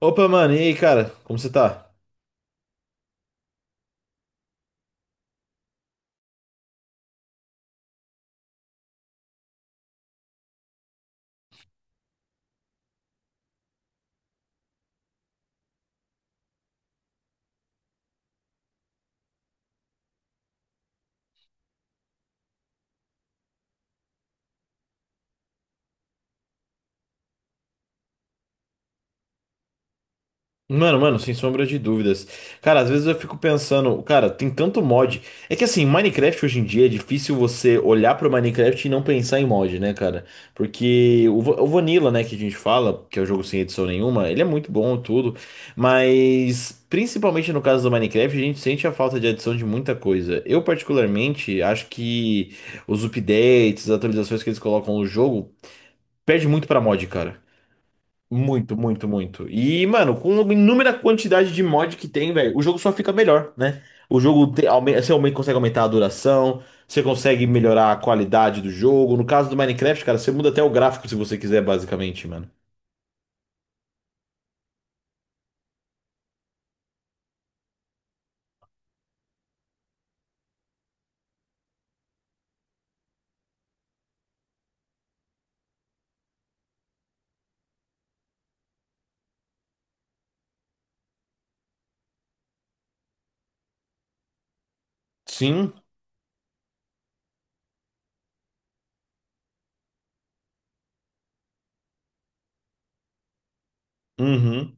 Opa, mano, e aí, cara? Como você tá? Mano, sem sombra de dúvidas. Cara, às vezes eu fico pensando, cara, tem tanto mod. É que assim, Minecraft hoje em dia é difícil você olhar pro Minecraft e não pensar em mod, né, cara? Porque o Vanilla, né, que a gente fala, que é o jogo sem edição nenhuma, ele é muito bom e tudo, mas principalmente no caso do Minecraft, a gente sente a falta de adição de muita coisa. Eu, particularmente, acho que os updates, as atualizações que eles colocam no jogo, perde muito pra mod, cara. Muito, muito, muito. E, mano, com inúmera quantidade de mod que tem, velho, o jogo só fica melhor, né? O jogo te, aume- você aume- consegue aumentar a duração, você consegue melhorar a qualidade do jogo. No caso do Minecraft, cara, você muda até o gráfico se você quiser, basicamente, mano. Sim. Uhum.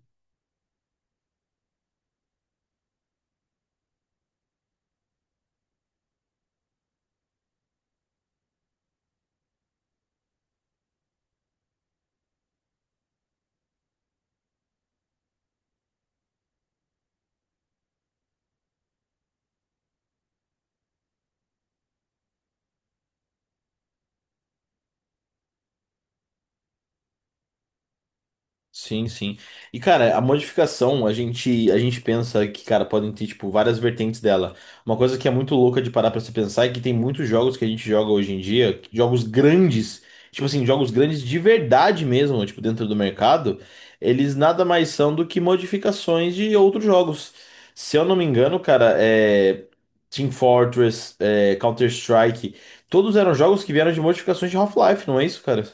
Sim, sim. E, cara, a modificação, a gente pensa que, cara, podem ter, tipo, várias vertentes dela. Uma coisa que é muito louca de parar pra se pensar é que tem muitos jogos que a gente joga hoje em dia, jogos grandes, tipo assim, jogos grandes de verdade mesmo, tipo, dentro do mercado, eles nada mais são do que modificações de outros jogos. Se eu não me engano, cara, Team Fortress, Counter-Strike, todos eram jogos que vieram de modificações de Half-Life, não é isso, cara?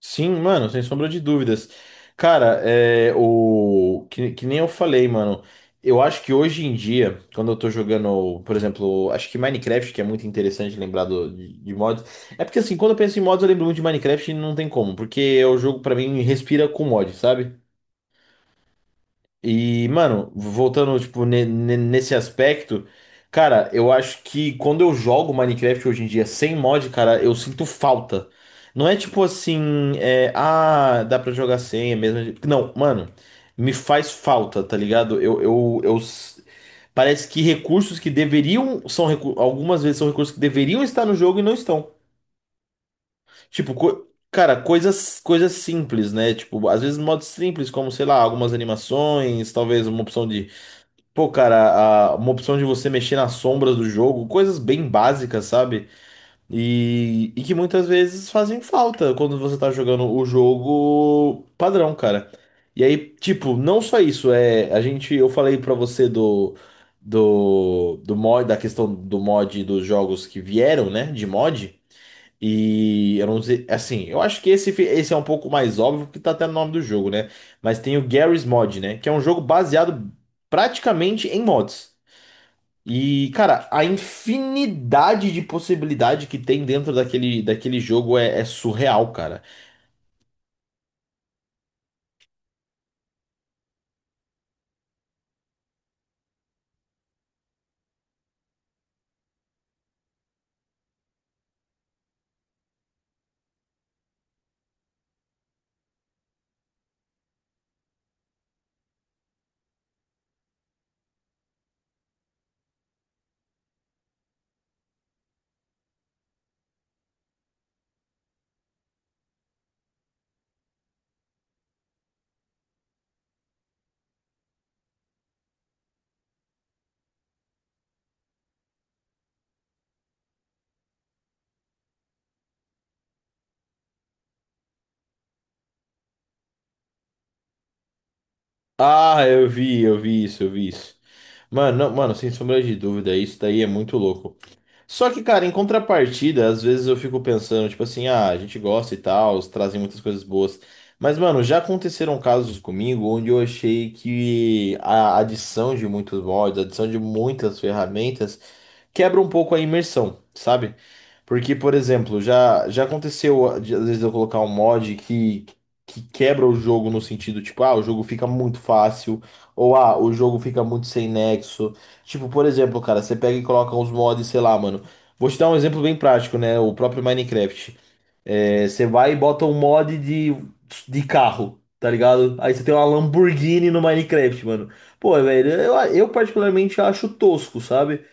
Sim, mano, sem sombra de dúvidas. Cara, é o que, que nem eu falei, mano. Eu acho que hoje em dia, quando eu tô jogando, por exemplo, acho que Minecraft, que é muito interessante lembrar do, de mods. É porque assim, quando eu penso em mods, eu lembro muito de Minecraft e não tem como, porque é o jogo pra mim respira com mod, sabe? E, mano, voltando, tipo, nesse aspecto, cara, eu acho que quando eu jogo Minecraft hoje em dia sem mod, cara, eu sinto falta. Não é tipo assim, ah, dá pra jogar sem, é mesmo. Não, mano, me faz falta, tá ligado? Parece que recursos que deveriam, algumas vezes são recursos que deveriam estar no jogo e não estão. Tipo, cara, coisas simples, né? Tipo, às vezes modos simples, como, sei lá, algumas animações, talvez uma opção de você mexer nas sombras do jogo, coisas bem básicas, sabe? E que muitas vezes fazem falta quando você tá jogando o jogo padrão, cara. E aí, tipo, não só isso, eu falei pra você do, mod, da questão do mod dos jogos que vieram, né, de mod. E eu não sei, assim, eu acho que esse é um pouco mais óbvio porque tá até no nome do jogo, né? Mas tem o Garry's Mod, né? Que é um jogo baseado praticamente em mods. E, cara, a infinidade de possibilidade que tem dentro daquele jogo é surreal, cara. Ah, eu vi isso, eu vi isso. Mano, mano, sem sombra de dúvida, isso daí é muito louco. Só que, cara, em contrapartida, às vezes eu fico pensando, tipo assim, ah, a gente gosta e tal, eles trazem muitas coisas boas. Mas, mano, já aconteceram casos comigo onde eu achei que a adição de muitos mods, a adição de muitas ferramentas, quebra um pouco a imersão, sabe? Porque, por exemplo, já aconteceu de, às vezes eu colocar um mod que quebra o jogo no sentido, tipo, ah, o jogo fica muito fácil, ou ah, o jogo fica muito sem nexo. Tipo, por exemplo, cara, você pega e coloca uns mods, sei lá, mano. Vou te dar um exemplo bem prático, né? O próprio Minecraft. É, você vai e bota um mod de carro, tá ligado? Aí você tem uma Lamborghini no Minecraft, mano. Pô, velho, eu particularmente acho tosco, sabe?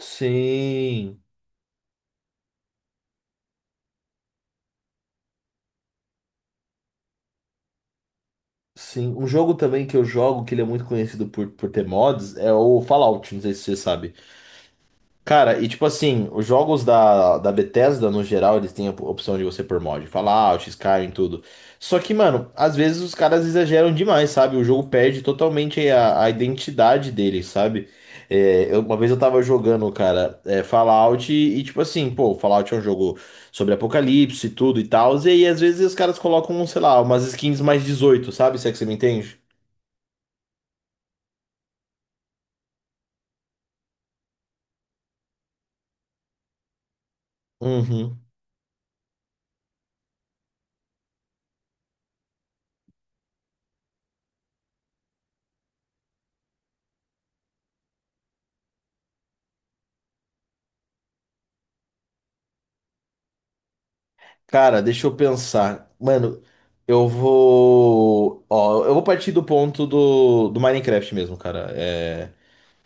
Sim. Sim, um jogo também que eu jogo, que ele é muito conhecido por ter mods, é o Fallout, não sei se você sabe. Cara, e tipo assim, os jogos da Bethesda, no geral, eles têm a opção de você pôr mod. Fallout, Skyrim, tudo. Só que, mano, às vezes os caras exageram demais, sabe? O jogo perde totalmente a identidade dele, sabe? Uma vez eu tava jogando, cara, Fallout e, tipo assim, pô, Fallout é um jogo sobre apocalipse e tudo e tal, e aí às vezes os caras colocam, sei lá, umas skins mais 18, sabe? Se é que você me entende? Uhum. Cara, deixa eu pensar. Mano, eu vou partir do ponto do, Minecraft mesmo, cara.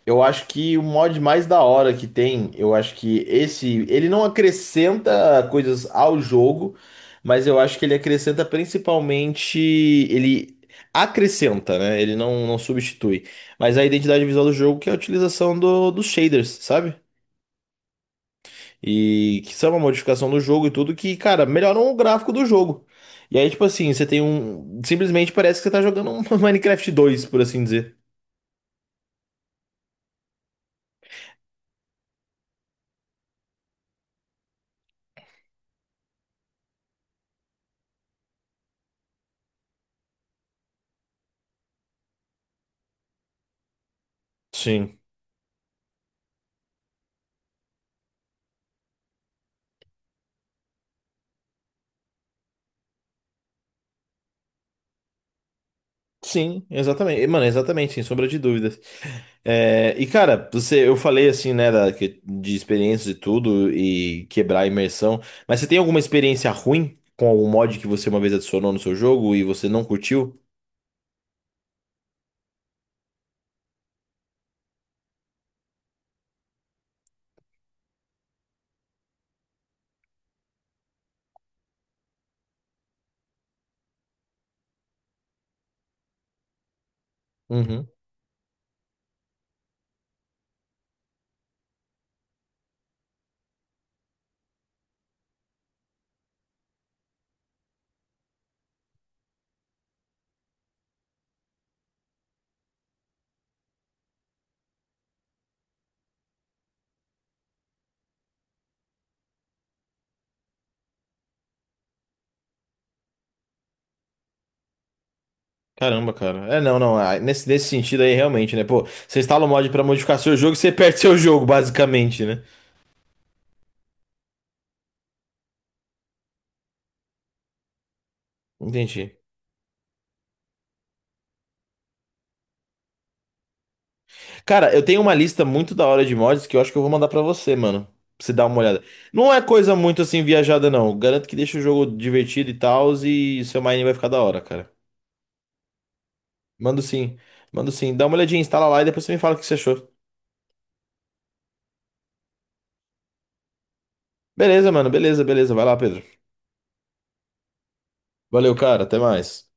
Eu acho que o mod mais da hora que tem, eu acho que esse. Ele não acrescenta coisas ao jogo, mas eu acho que ele acrescenta principalmente. Ele acrescenta, né? Ele não substitui. Mas a identidade visual do jogo que é a utilização dos shaders, sabe? E que são uma modificação do jogo e tudo, que, cara, melhoram o gráfico do jogo. E aí, tipo assim, você tem um. Simplesmente parece que você tá jogando um Minecraft 2 por assim dizer. Sim. Sim, exatamente. E, mano, exatamente, sem sombra de dúvidas. E cara, você, eu falei assim, né, da, de experiências e tudo, e quebrar a imersão, mas você tem alguma experiência ruim com algum mod que você uma vez adicionou no seu jogo e você não curtiu? Uhum. Caramba, cara. Não, não. Ah, nesse sentido aí, realmente, né? Pô, você instala o mod pra modificar seu jogo, e você perde seu jogo, basicamente, né? Entendi. Cara, eu tenho uma lista muito da hora de mods que eu acho que eu vou mandar pra você, mano. Pra você dar uma olhada. Não é coisa muito assim viajada, não. Garanto que deixa o jogo divertido e tal, e seu mining vai ficar da hora, cara. Mando sim. Mando sim. Dá uma olhadinha, instala lá e depois você me fala o que você achou. Beleza, mano. Beleza, beleza. Vai lá, Pedro. Valeu, cara. Até mais.